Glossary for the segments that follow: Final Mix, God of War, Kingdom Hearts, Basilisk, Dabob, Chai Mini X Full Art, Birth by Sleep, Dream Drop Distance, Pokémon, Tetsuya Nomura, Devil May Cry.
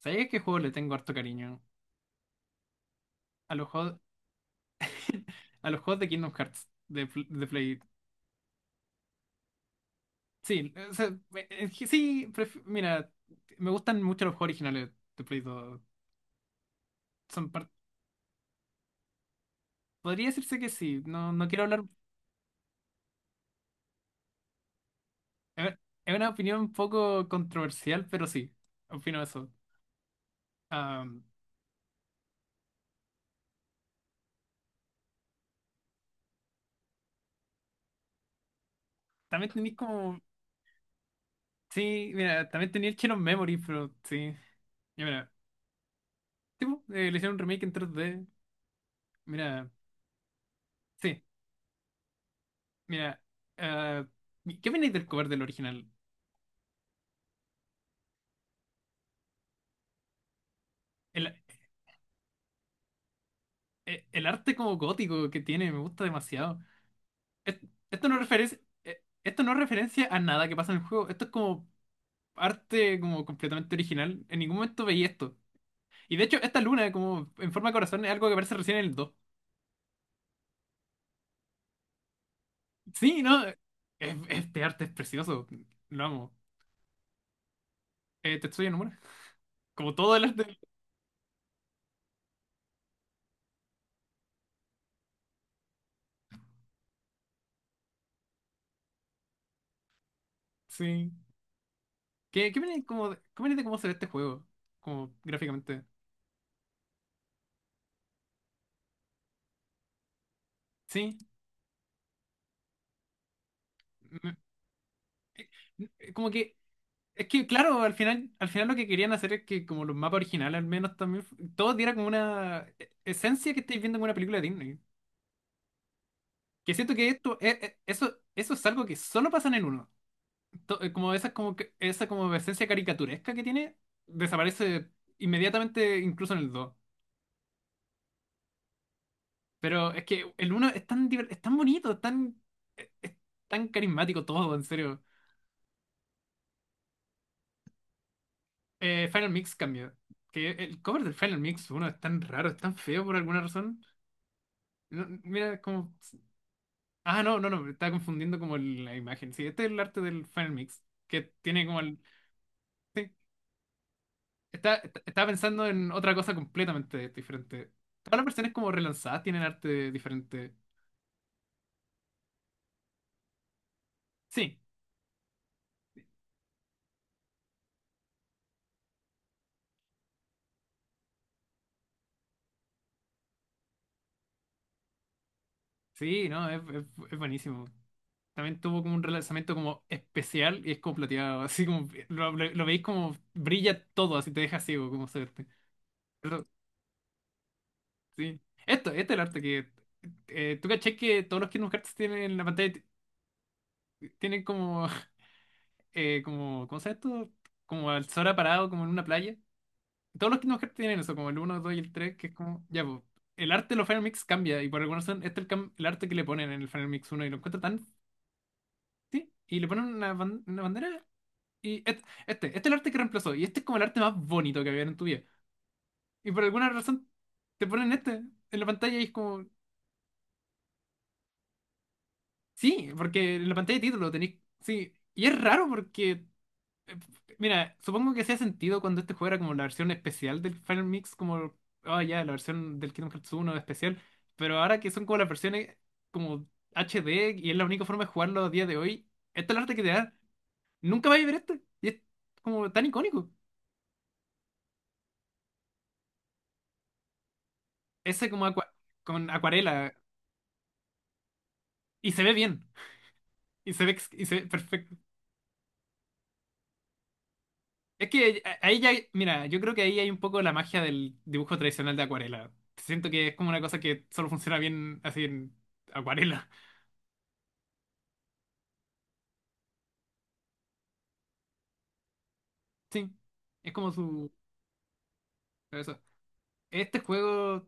¿Sabéis qué juego le tengo harto cariño? A los juegos, a los juegos de Kingdom Hearts, de, de Play. Sí, o sea, es que sí, mira, me gustan mucho los juegos originales de Play 2. Son par- Podría decirse que sí, no, no quiero hablar. Es es una opinión un poco controversial, pero sí, opino eso. Am, También tenéis como. Sí, mira, también tenía el Chain of Memory, pero sí. Ya, mira, tipo, le hicieron un remake en tres d. Mira, sí, mira. ah, ¿Qué opináis del cover del original? El, el arte como gótico que tiene me gusta demasiado. Es- Esto no referencia, esto no es referencia a nada que pasa en el juego. Esto es como arte como completamente original. En ningún momento veía esto. Y de hecho, esta luna como en forma de corazón es algo que aparece recién en el dos. Sí, ¿no? Este arte es precioso. Lo amo. Tetsuya Nomura. Como todo el arte. Sí. ¿Qué, qué viene como, qué viene de cómo se ve este juego? Como gráficamente. Sí. Me- Como que. Es que, claro, al final lo que querían hacer es que como los mapas originales al menos también, todo diera como una esencia que estáis viendo en una película de Disney. Que siento que esto, eso, eso es algo que solo pasa en el uno. Como esa, como, esa como esencia caricaturesca que tiene, desaparece inmediatamente incluso en el dos. Pero es que el uno es tan, es tan bonito, es tan, es tan carismático todo, en serio. Final Mix cambió. Que el cover del Final Mix uno es tan raro, es tan feo por alguna razón. No, mira, como. Ah, no, no, no, me estaba confundiendo como la imagen. Sí, este es el arte del Final Mix, que tiene como el. Sí, estaba pensando en otra cosa completamente diferente. Todas las versiones como relanzadas tienen arte diferente. Sí, sí, no, es buenísimo. También tuvo como un relanzamiento como especial y es como plateado, así como. Lo veis como brilla todo, así te deja ciego, como se ve. Pero, sí. Esto, este es el arte que. ¿Tú caché que todos los Kingdom Hearts tienen en la pantalla? Tienen como como, ¿cómo se llama esto? Como al Sora parado, como en una playa. Todos los Kingdom Hearts tienen eso, como el 1, 2 y el tres que es como, ya, pues, el arte de los Final Mix cambia, y por alguna razón, este es el, el arte que le ponen en el Final Mix 1, y lo encuentro tan, sí, y le ponen una, una bandera, y este es el arte que reemplazó, y este es como el arte más bonito que había en tu vida. Y por alguna razón, te ponen este en la pantalla, y es como, sí, porque en la pantalla de título tenéis, sí, y es raro porque. Mira, supongo que hacía sentido cuando este juego era como la versión especial del Final Mix, como, ah, ya, la versión del Kingdom Hearts uno especial, pero ahora que son como las versiones como HD y es la única forma de jugarlo a día de hoy, esta es la arte que te da. Nunca vais a ver esto. Y es como tan icónico. Ese como acua- con acuarela. Y se ve bien. Y se ve, y se ve perfecto. Es que ahí ya, mira, yo creo que ahí hay un poco la magia del dibujo tradicional de acuarela. Siento que es como una cosa que solo funciona bien así en acuarela. Sí, es como su... Eso. Este juego,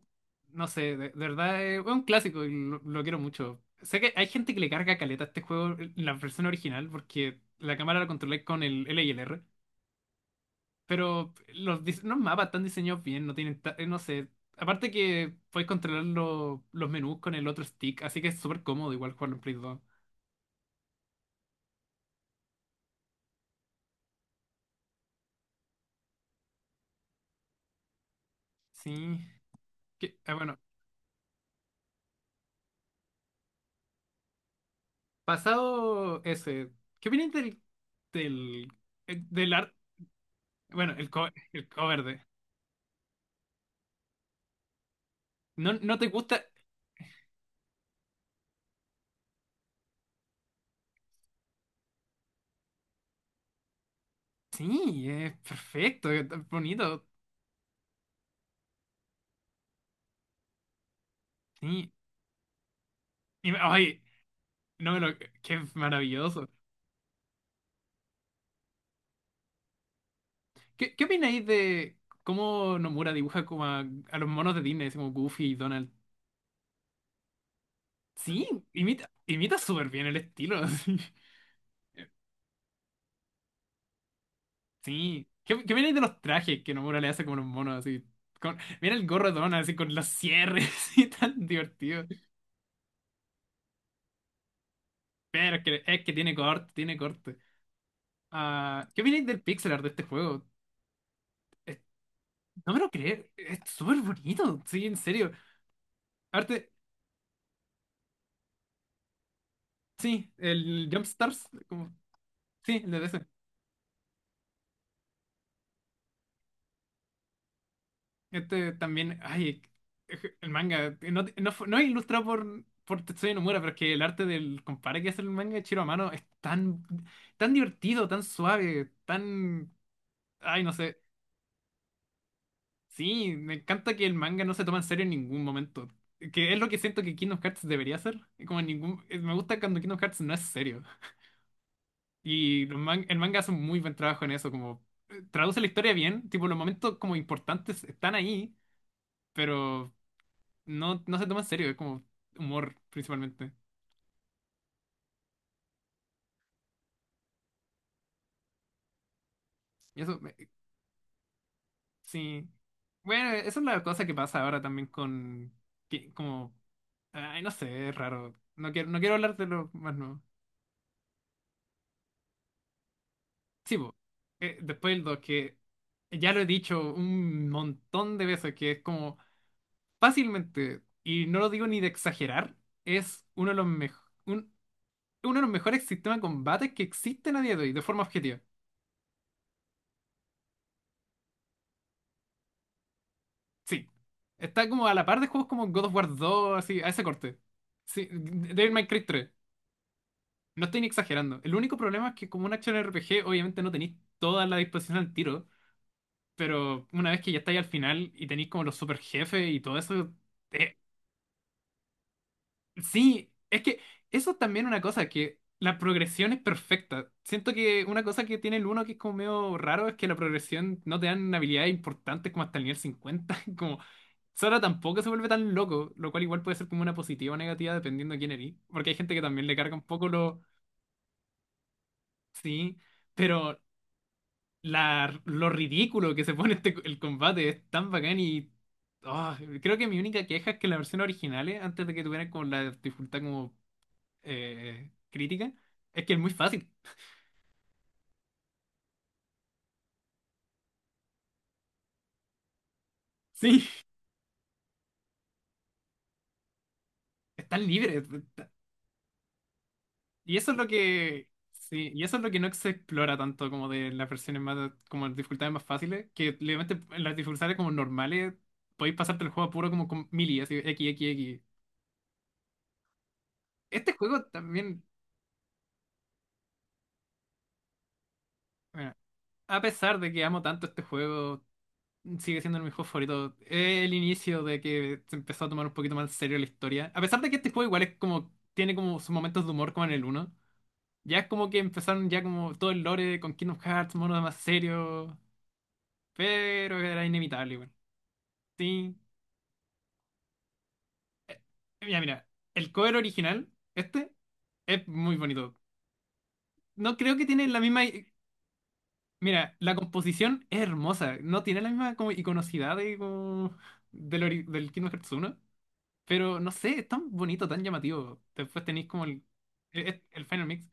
no sé, de verdad es un clásico y lo quiero mucho. Sé que hay gente que le carga caleta a este juego, la versión original, porque la cámara la controlé con el L y el R. Pero los, los mapas están diseñados bien, no tienen, no sé. Aparte que puedes controlar los menús con el otro stick, así que es súper cómodo igual jugarlo en Play 2. Sí. Bueno, pasado ese, ¿qué opinas del, del, del arte? Bueno, el cover de. ¿No, no te gusta? Sí, es perfecto, es tan bonito. Sí. Ay, no me lo. Qué maravilloso. ¿Qué, qué opináis de cómo Nomura dibuja como a los monos de Disney, así como Goofy y Donald? Sí, imita, imita súper bien el estilo. así. Sí. ¿Qué, qué opináis de los trajes que Nomura le hace como a los monos así? Con, mira el gorro de Donald así con los cierres y tan divertido. Pero es que tiene corte, tiene corte. Ah, ¿qué opináis del pixel art de este juego? Es- no me lo creo, es súper bonito, sí, en serio. Arte, sí, el Jump Stars, como, sí, el de ese. Este también, ay, el manga, no es ilustrado por Tetsuya Nomura, pero es que el arte del compadre que hace el manga de Chiro a mano es tan, tan divertido, tan suave, tan, ay, no sé. Sí, me encanta que el manga no se toma en serio en ningún momento. Que es lo que siento que Kingdom Hearts debería ser. Como en ningún... Me gusta cuando Kingdom Hearts no es serio. Y los el manga hace un muy buen trabajo en eso, como traduce la historia bien, tipo los momentos como importantes están ahí, pero no se toma en serio, es como humor principalmente. Y eso, sí. Bueno, esa es la cosa que pasa ahora también con, que, como, ay, no sé, es raro. No quiero hablar de lo más nuevo. Sí, po. Después el 2 que ya lo he dicho un montón de veces, que es como fácilmente, y no lo digo ni de exagerar, es uno de los un- uno de los mejores sistemas de combate que existen a día de hoy, de forma objetiva. Sí. Está como a la par de juegos como God of War dos así, a ese corte. Sí, Devil May Cry tres. No estoy ni exagerando. El único problema es que como un action RPG, obviamente no tenéis toda la disposición al tiro, pero una vez que ya estáis al final y tenéis como los super jefes y todo eso, es. Sí, es que eso es también una cosa, que la progresión es perfecta. Siento que una cosa que tiene el uno que es como medio raro es que la progresión no te dan habilidades importantes como hasta el nivel cincuenta. Como Sora tampoco se vuelve tan loco, lo cual igual puede ser como una positiva o negativa dependiendo de quién eres. Porque hay gente que también le carga un poco lo... Sí, pero la, lo ridículo que se pone este, el combate es tan bacán y... ah, creo que mi única queja es que las versiones originales, antes de que tuvieran como la dificultad como crítica es que es muy fácil. Sí, están libres. Y eso es lo que. Sí, y eso es lo que no se explora tanto como de las versiones más, como las dificultades más fáciles, que obviamente en las dificultades como normales podéis pasarte el juego puro como con mili, así, X, X, X. Este juego también, bueno, a pesar de que amo tanto este juego, sigue siendo mi juego favorito. Es el inicio de que se empezó a tomar un poquito más en serio la historia, a pesar de que este juego igual es como, tiene como sus momentos de humor como en el uno. Ya es como que empezaron ya como todo el lore con Kingdom Hearts, monos más serios, pero era inevitable, weón. Sí. Mira, mira, el cover original, este, es muy bonito. No creo que tiene la misma... Mira, la composición es hermosa, no tiene la misma como iconocidad de, como, del, del Kingdom Hearts uno, pero no sé, es tan bonito, tan llamativo. Después tenéis como el Final Mix.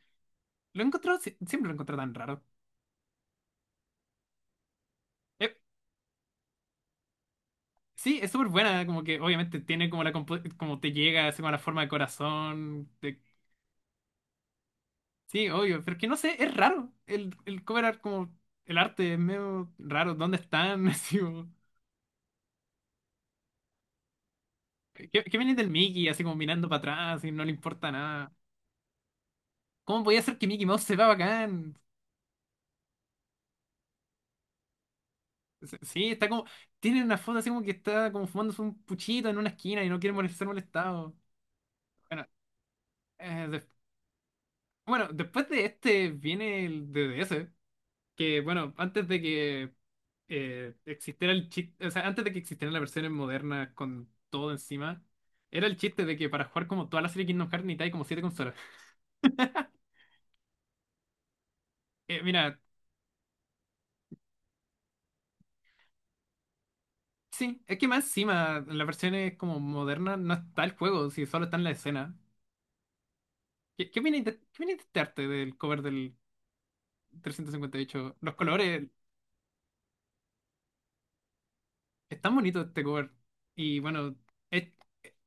Lo he encontrado, siempre lo he encontrado tan raro. Sí, es súper buena, como que obviamente tiene como la como te llega, así como la forma de corazón. Sí, obvio, pero que no sé, es raro. El cover art, como el arte es medio raro. ¿Dónde están? Así como, ¿qué, qué viene del Mickey? Así como mirando para atrás y no le importa nada. ¿Cómo podía ser que Mickey Mouse se va bacán? Sí, está como. Tiene una foto así como que está como fumándose un puchito en una esquina y no quiere ser molestado. Bueno, eh, des- bueno, después de este viene el D D S que, bueno, antes de que existiera el chiste, o sea, antes de que existieran las versiones modernas con todo encima, era el chiste de que para jugar como toda la serie Kingdom Hearts necesitáis como siete consolas. Mira, sí, es que más encima, en las versiones como modernas no está el juego, si solo está en la escena. Qué opináis de este arte del cover del 358? Los colores están bonitos este cover. Y bueno, es-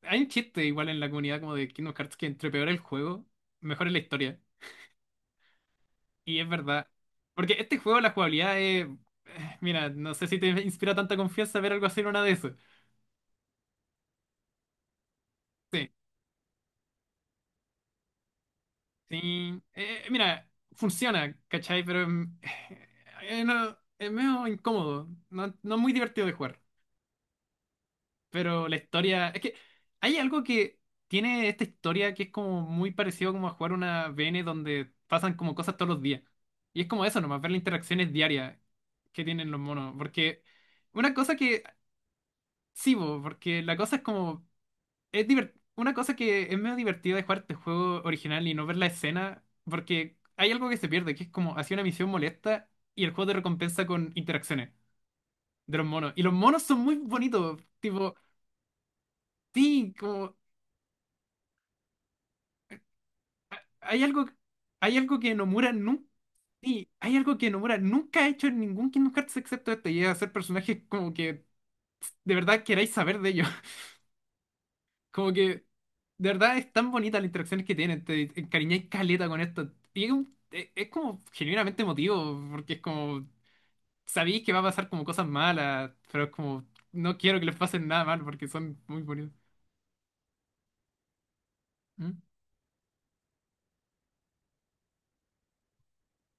hay un chiste igual en la comunidad como de Kingdom Hearts que entre peor el juego, mejor es la historia. Y es verdad. Porque este juego, la jugabilidad es. Mira, no sé si te inspira tanta confianza ver algo así en una de esas. Sí, sí. Mira, funciona, ¿cachai? Pero no, es medio incómodo. No, no es muy divertido de jugar. Pero la historia. Es que hay algo que tiene esta historia que es como muy parecido como a jugar una VN donde pasan como cosas todos los días. Y es como eso nomás, ver las interacciones diarias que tienen los monos. Porque. Una cosa que Sí, po, porque la cosa es como. Una cosa que es medio divertida de jugar este juego original y no ver la escena, porque hay algo que se pierde, que es como hacía una misión molesta y el juego te recompensa con interacciones de los monos. Y los monos son muy bonitos, tipo, sí, como. Hay algo, hay algo que Nomura nunca. Sí, hay algo que Nomura nunca ha hecho en ningún Kingdom Hearts excepto este, y es hacer personajes como que de verdad queráis saber de ellos. Como que, de verdad, es tan bonita las interacciones que tienen, te encariñáis caleta con esto. Y es, es como genuinamente emotivo, porque es como, sabéis que va a pasar como cosas malas, pero es como, no quiero que les pasen nada mal porque son muy bonitos. ¿Mm?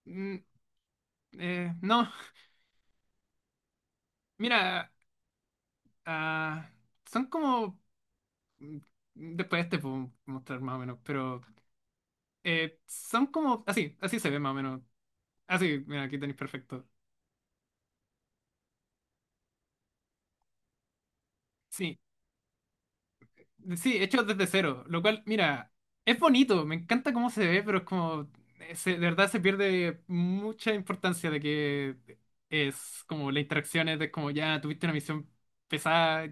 Mm, no, mira, ah, son como, mm, después te puedo mostrar más o menos, pero son como, así, así se ve más o menos. Así, mira, aquí tenéis perfecto. Sí. Sí, hechos desde cero, lo cual, mira, es bonito, me encanta cómo se ve, pero es como, de verdad se pierde mucha importancia de que es como las interacciones de como ya tuviste una misión pesada,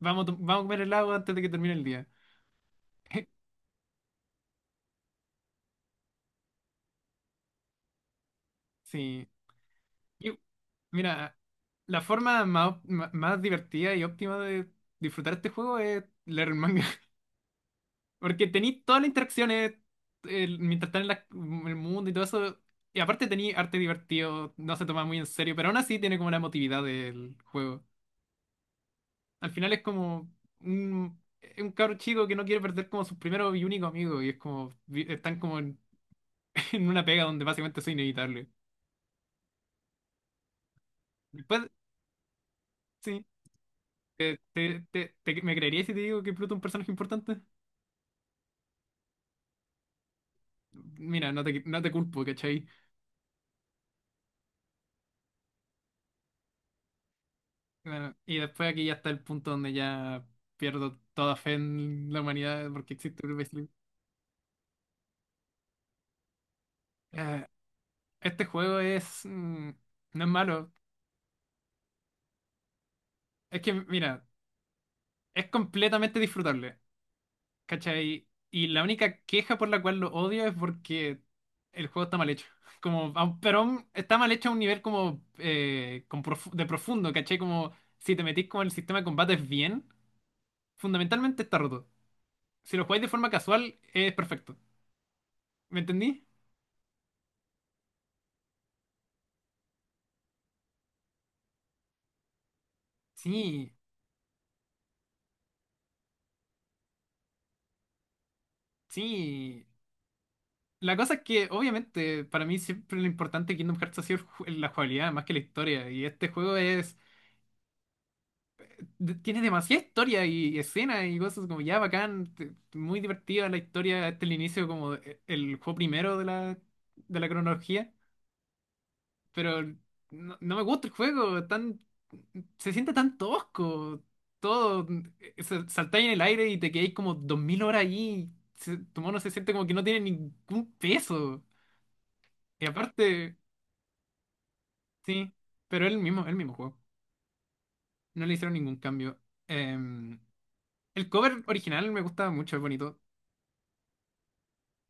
vamos, vamos a comer helado antes de que termine el día. Sí. Y, mira, la forma más, más divertida y óptima de disfrutar este juego es leer el manga. Porque tení todas las interacciones mientras están en el mundo y todo eso. Y aparte tení arte divertido, no se toma muy en serio, pero aún así tiene como la emotividad del juego. Al final es como es un cabro chico que no quiere perder como su primero y único amigo. Y es como, están como en, en una pega donde básicamente soy inevitable. Después, sí, ¿me creerías si te digo que Pluto es un personaje importante? Mira, no te culpo, ¿cachai? Bueno, y después aquí ya está el punto donde ya pierdo toda fe en la humanidad porque existe el Basilisk. Eh, este juego es... no es malo. Es que, mira, es completamente disfrutable, ¿cachai? Y la única queja por la cual lo odio es porque el juego está mal hecho. Como, pero aún está mal hecho a un nivel como con de profundo, ¿cachai? Como si te metís con el sistema de combates bien, fundamentalmente está roto. Si lo jugáis de forma casual, es perfecto. ¿Me entendí? Sí, sí, la cosa es que obviamente para mí siempre lo importante de Kingdom Hearts ha sido la jugabilidad más que la historia. Y este juego es tiene demasiada historia y escenas y cosas como ya bacán, muy divertida la historia. Este es el inicio como el juego primero de la cronología. Pero no, no me gusta el juego, tan, se siente tan tosco. Todo, saltáis en el aire y te quedáis como 2000 horas ahí. Tu mono se siente como que no tiene ningún peso. Y aparte, sí, pero es el mismo juego. No le hicieron ningún cambio. Em, el cover original me gustaba mucho, es bonito.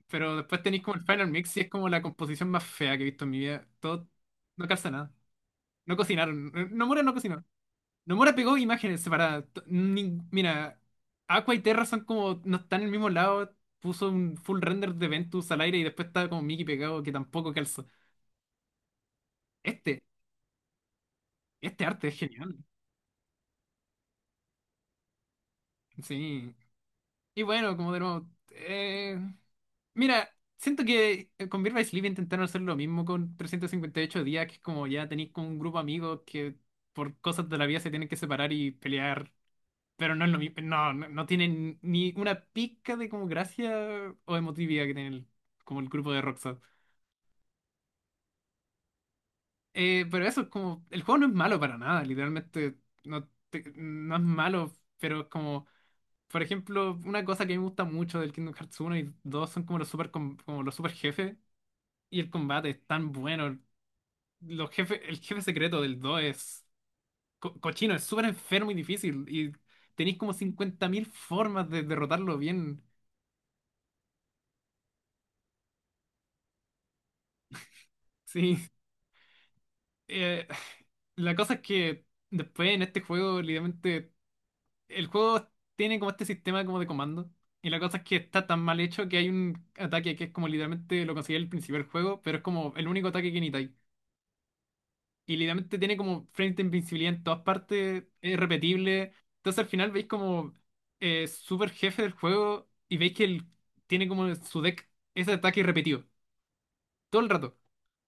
Pero después tenéis como el final mix y es como la composición más fea que he visto en mi vida. Todo no calza nada. No cocinaron. Nomura no cocinó. Nomura pegó imágenes separadas. Mira, Aqua y Terra son como. No están en el mismo lado. Puso un full render de Ventus al aire y después estaba como Mickey pegado que tampoco calza. Este, este arte es genial. Sí. Y bueno, como de nuevo, mira, siento que con Birth by Sleep intentaron hacer lo mismo con 358 días, que es como ya tenéis con un grupo de amigos que por cosas de la vida se tienen que separar y pelear, pero no es lo mismo, no, no, no tienen ni una pizca de como gracia o emotividad que tiene como el grupo de Rockstar. Pero eso es como, el juego no es malo para nada, literalmente no, no es malo, pero es como... Por ejemplo, una cosa que me gusta mucho del Kingdom Hearts uno y 2 son como los super, como los super jefes y el combate es tan bueno. Los jefes, el jefe secreto del 2 es cochino, es súper enfermo y difícil y tenéis como 50.000 formas de derrotarlo bien. Sí. Eh, la cosa es que después en este juego, literalmente, el juego tiene como este sistema como de comando. Y la cosa es que está tan mal hecho que hay un ataque que es como literalmente lo conseguí al principio del juego, pero es como el único ataque que ni y literalmente tiene como frames de invincibilidad en todas partes, es repetible. Entonces al final veis como super jefe del juego y veis que él tiene como su deck ese ataque repetido todo el rato.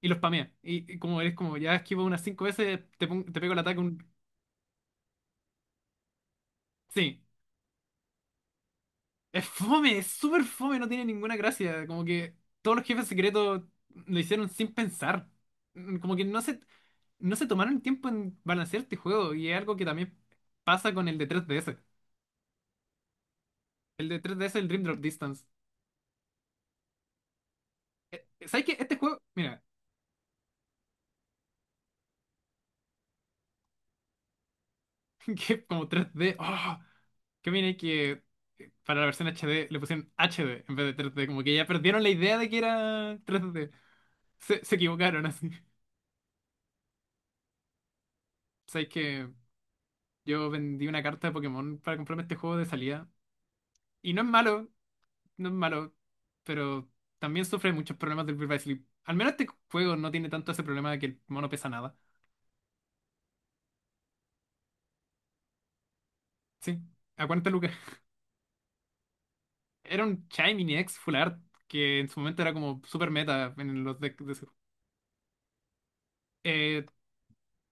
Y lo spamea. Y como eres como ya esquivo unas cinco veces, te pego el ataque un... Sí. Es fome, es súper fome, no tiene ninguna gracia. Como que todos los jefes secretos lo hicieron sin pensar. Como que no se, no se tomaron el tiempo en balancear este juego. Y es algo que también pasa con el de 3DS. El de tres D es el Dream Drop Distance. ¿Sabes qué? Este juego, mira, que es como tres d. ¡Oh! Que viene que para la versión HD le pusieron HD en vez de tres d. Como que ya perdieron la idea de que era tres d. Se equivocaron así. ¿Sabes que yo vendí una carta de Pokémon para comprarme este juego de salida? Y no es malo, no es malo. Pero también sufre muchos problemas del Birth by Sleep. Al menos este juego no tiene tanto ese problema de que el mono pesa nada. Sí, a 40 lucas. Era un Chai Mini X Full Art que en su momento era como super meta en los decks de Zero. Eh,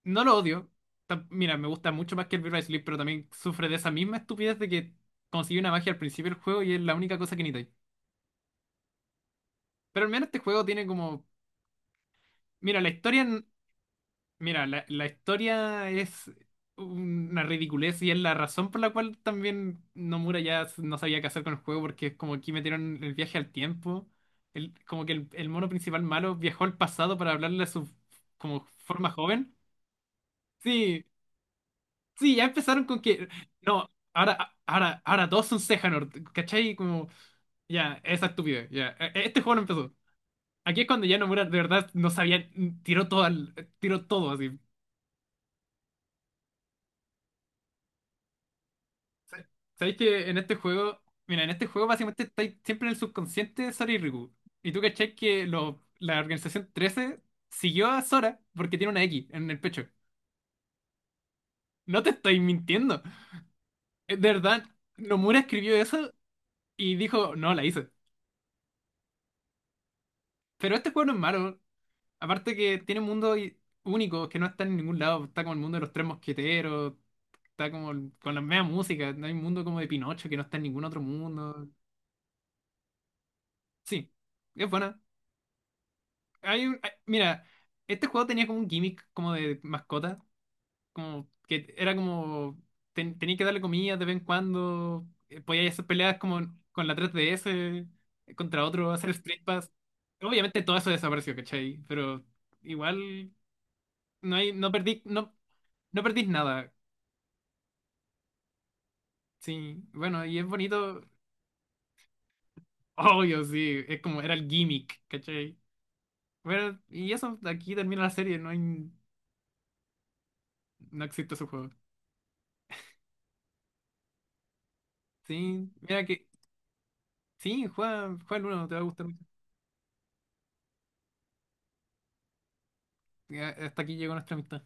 no lo odio. Mira, me gusta mucho más que el Birth by Sleep, pero también sufre de esa misma estupidez de que consigue una magia al principio del juego y es la única cosa que necesitáis. Pero al menos este juego tiene como. Mira, la historia. Mira, la historia es una ridiculez y es la razón por la cual también Nomura ya no sabía qué hacer con el juego porque es como aquí metieron el viaje al tiempo. El, como que el mono principal malo viajó al pasado para hablarle a su como forma joven. Sí, sí, ya empezaron con que no, ahora, ahora, ahora todos son Sejanort, ¿cachai? Como ya, esa estupidez, ya. Este juego no empezó. Aquí es cuando ya Nomura de verdad no sabía, tiró todo al, tiró todo así. Sabéis que en este juego, mira, en este juego básicamente estáis siempre en el subconsciente de Sora y Riku. Y tú cachai que la Organización XIII siguió a Sora porque tiene una X en el pecho. No te estoy mintiendo. De verdad, Nomura escribió eso y dijo, no, la hice. Pero este juego no es malo. Aparte que tiene un mundo único que no está en ningún lado. Está como el mundo de los tres mosqueteros, está como con la misma música. No hay un mundo como de Pinocho que no está en ningún otro mundo. Sí, es buena. Mira, este juego tenía como un gimmick como de mascota, como que era como tenía que darle comida de vez en cuando, podía hacer peleas como con la 3DS contra otro, hacer split pass. Obviamente todo eso desapareció, ¿cachai? Pero igual no hay, no perdís nada. Sí, bueno, y es bonito, obvio, sí, es como era el gimmick, ¿cachai? Bueno, y eso, aquí termina la serie, no hay, no existe ese juego. Sí, mira que sí, juega, juega el uno, te va a gustar mucho. Ya, hasta aquí llegó nuestra amistad.